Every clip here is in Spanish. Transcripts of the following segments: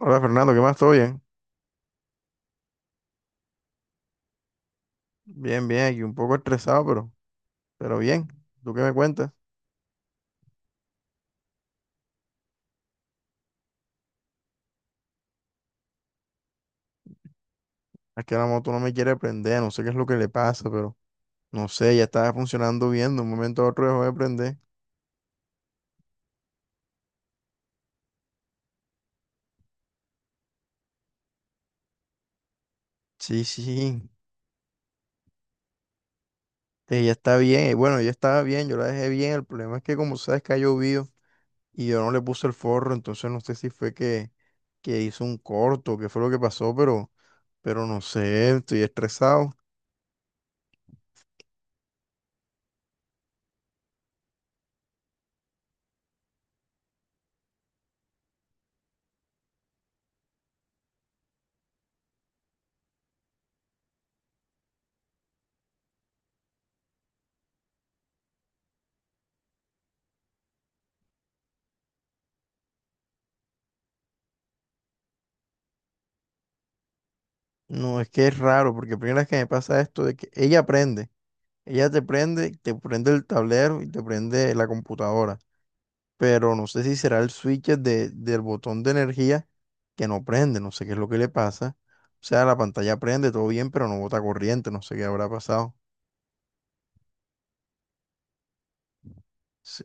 Hola Fernando, ¿qué más? ¿Todo bien? Bien, bien, aquí un poco estresado, pero bien. ¿Tú qué me cuentas? Es que la moto no me quiere prender, no sé qué es lo que le pasa, pero no sé, ya estaba funcionando bien, de un momento a otro dejó de prender. Sí, sí, sí, ella está bien. Y bueno, ella estaba bien, yo la dejé bien. El problema es que como sabes que ha llovido y yo no le puse el forro, entonces no sé si fue que hizo un corto, qué fue lo que pasó, pero no sé, estoy estresado. No, es que es raro, porque primera vez que me pasa esto de que ella aprende. Ella te prende el tablero y te prende la computadora. Pero no sé si será el switch del botón de energía que no prende, no sé qué es lo que le pasa. O sea, la pantalla prende, todo bien, pero no bota corriente, no sé qué habrá pasado. Sí.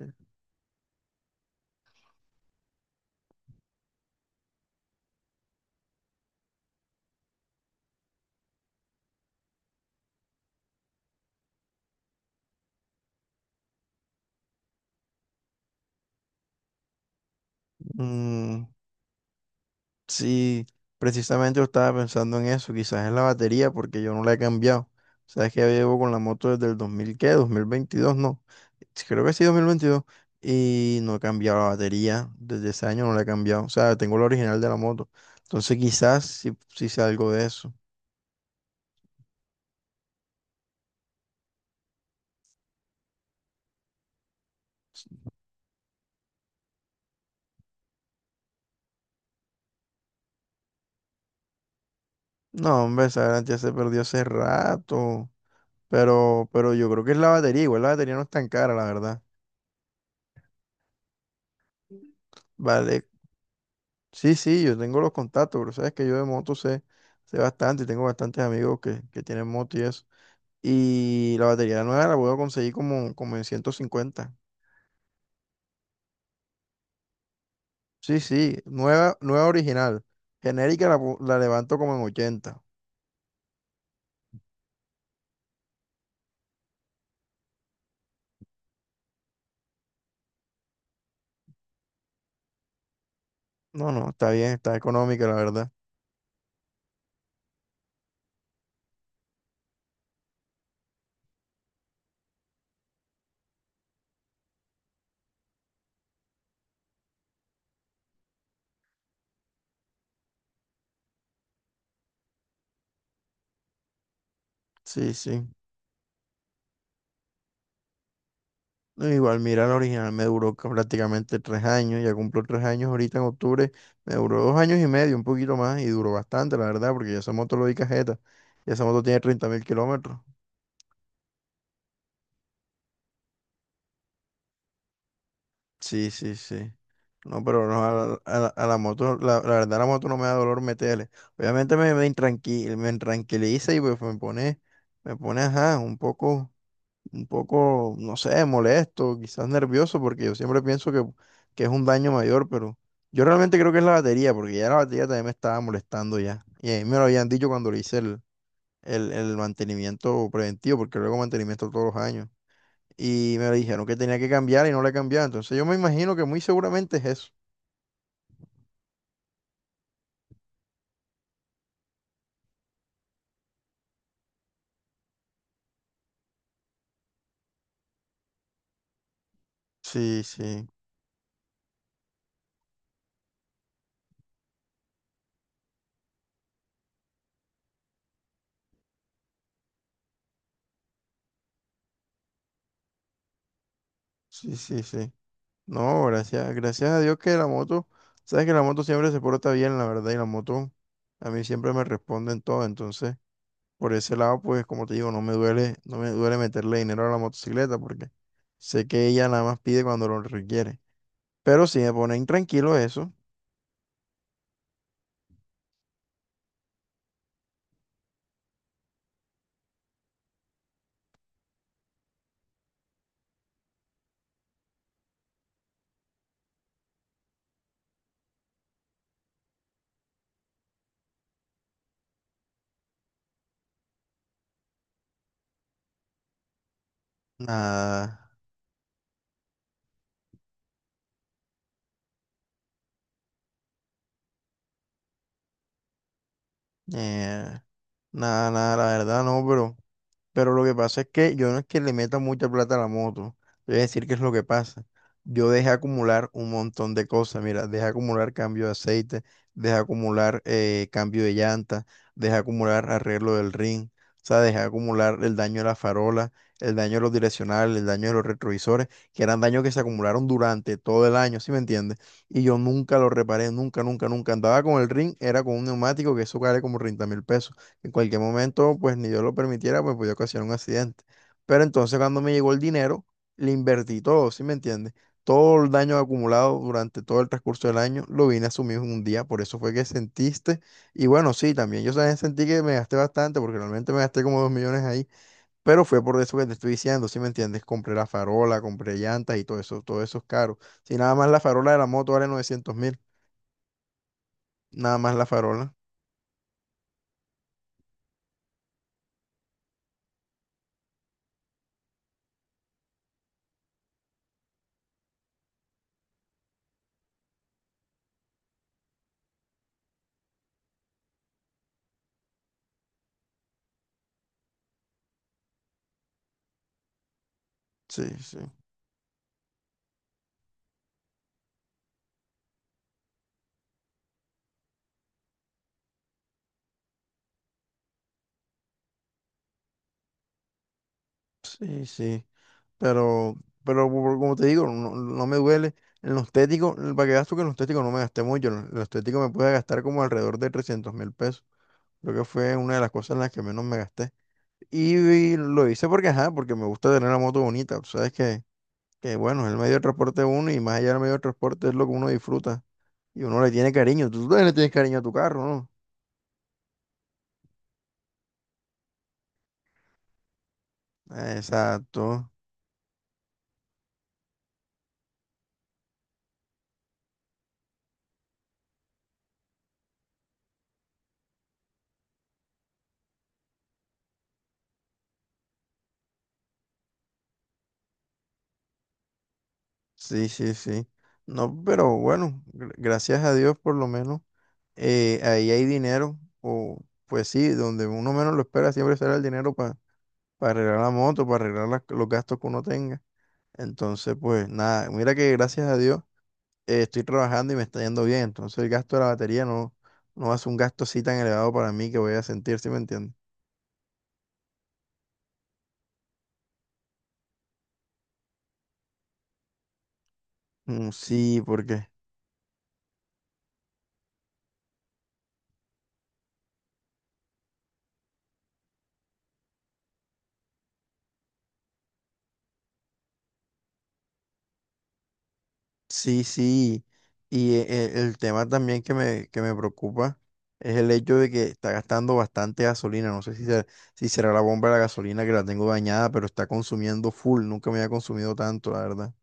Mm, sí, precisamente yo estaba pensando en eso, quizás es la batería porque yo no la he cambiado. Sabes que ya llevo con la moto desde el 2000 ¿qué? 2022, no. Sí, creo que sí, 2022. Y no he cambiado la batería, desde ese año no la he cambiado. O sea, tengo la original de la moto. Entonces quizás sí, sí sea algo de eso. No, hombre, esa garantía se perdió hace rato. Pero yo creo que es la batería, igual la batería no es tan cara, la verdad. Vale. Sí, sí, yo tengo los contactos, pero sabes que yo de moto sé bastante y tengo bastantes amigos que tienen moto y eso. Y la batería nueva la puedo conseguir como en 150. Sí, sí, nueva, nueva original. Genérica la levanto como en 80. No, no, está bien, está económica, la verdad. Sí, sí. No, igual, mira, la original me duró prácticamente 3 años, ya cumplo 3 años ahorita en octubre, me duró 2 años y medio, un poquito más, y duró bastante, la verdad, porque ya esa moto lo di cajeta, y esa moto tiene 30.000 kilómetros. Sí, sí, sí. No, pero no, a la moto, la verdad, la moto no me da dolor meterle. Obviamente me intranquiliza y pues me pone, ajá, un poco, no sé, molesto, quizás nervioso, porque yo siempre pienso que es un daño mayor, pero yo realmente creo que es la batería, porque ya la batería también me estaba molestando ya. Y a mí me lo habían dicho cuando le hice el mantenimiento preventivo, porque luego mantenimiento todos los años y me dijeron que tenía que cambiar y no la he cambiado. Entonces yo me imagino que muy seguramente es eso. Sí, sí, sí, sí, sí. No, gracias a Dios que la moto, sabes que la moto siempre se porta bien, la verdad, y la moto a mí siempre me responde en todo. Entonces, por ese lado, pues como te digo, no me duele, no me duele meterle dinero a la motocicleta porque sé que ella nada más pide cuando lo requiere. Pero si me pone intranquilo eso, nada, eh, nada, nada, la verdad no, pero. Pero lo que pasa es que yo no es que le meta mucha plata a la moto. Te voy a decir qué es lo que pasa. Yo dejé acumular un montón de cosas. Mira, dejé acumular cambio de aceite, dejé acumular cambio de llanta, dejé acumular arreglo del ring. O sea, dejé acumular el daño de la farola, el daño de los direccionales, el daño de los retrovisores, que eran daños que se acumularon durante todo el año, ¿sí me entiendes? Y yo nunca lo reparé, nunca, nunca, nunca. Andaba con el ring, era con un neumático que eso vale como 30.000 pesos. En cualquier momento, pues ni Dios lo permitiera, pues podía ocasionar un accidente. Pero entonces cuando me llegó el dinero, le invertí todo, ¿sí me entiendes? Todo el daño acumulado durante todo el transcurso del año lo vine a asumir en un día, por eso fue que sentiste. Y bueno, sí, también yo también sentí que me gasté bastante, porque realmente me gasté como 2 millones ahí, pero fue por eso que te estoy diciendo, ¿sí me entiendes? Compré la farola, compré llantas y todo eso es caro. Si nada más la farola de la moto vale 900.000, nada más la farola. Sí, sí, sí, sí. Pero, pero como te digo, no me duele. En los téticos, para que gasto que en los téticos no me gasté mucho. En los téticos me pude gastar como alrededor de 300.000 pesos. Creo que fue una de las cosas en las que menos me gasté. Y lo hice porque, ajá, porque me gusta tener la moto bonita. Tú sabes que, bueno, es el medio de transporte de uno y más allá del medio de transporte es lo que uno disfruta. Y uno le tiene cariño. Tú también le tienes cariño a tu carro, ¿no? Exacto. Sí, sí, sí. No, pero bueno, gracias a Dios por lo menos. Ahí hay dinero, o pues sí, donde uno menos lo espera siempre será el dinero para arreglar la moto, para arreglar los gastos que uno tenga. Entonces, pues nada, mira que gracias a Dios estoy trabajando y me está yendo bien. Entonces el gasto de la batería no hace un gasto así tan elevado para mí que voy a sentir, ¿sí me entiendes? Mm, sí, porque. Sí, sí, y el tema también que me, preocupa es el hecho de que está gastando bastante gasolina. No sé si será la bomba de la gasolina que la tengo dañada, pero está consumiendo full. Nunca me había consumido tanto, la verdad.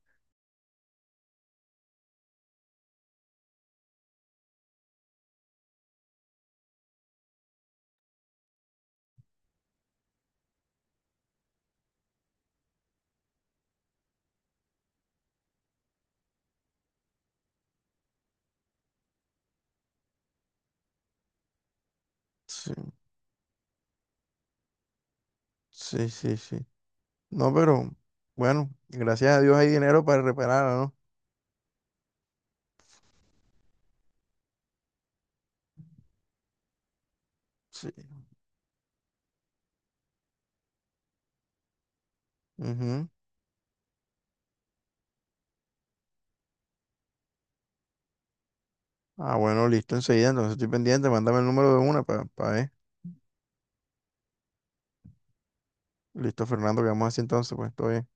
Sí, sí, sí, sí. No, pero bueno, gracias a Dios hay dinero para repararla, ¿no? Sí. Ujú. Ah, bueno, listo, enseguida. Entonces estoy pendiente. Mándame el número de una para ver. Listo, Fernando, quedamos así entonces, pues todo bien.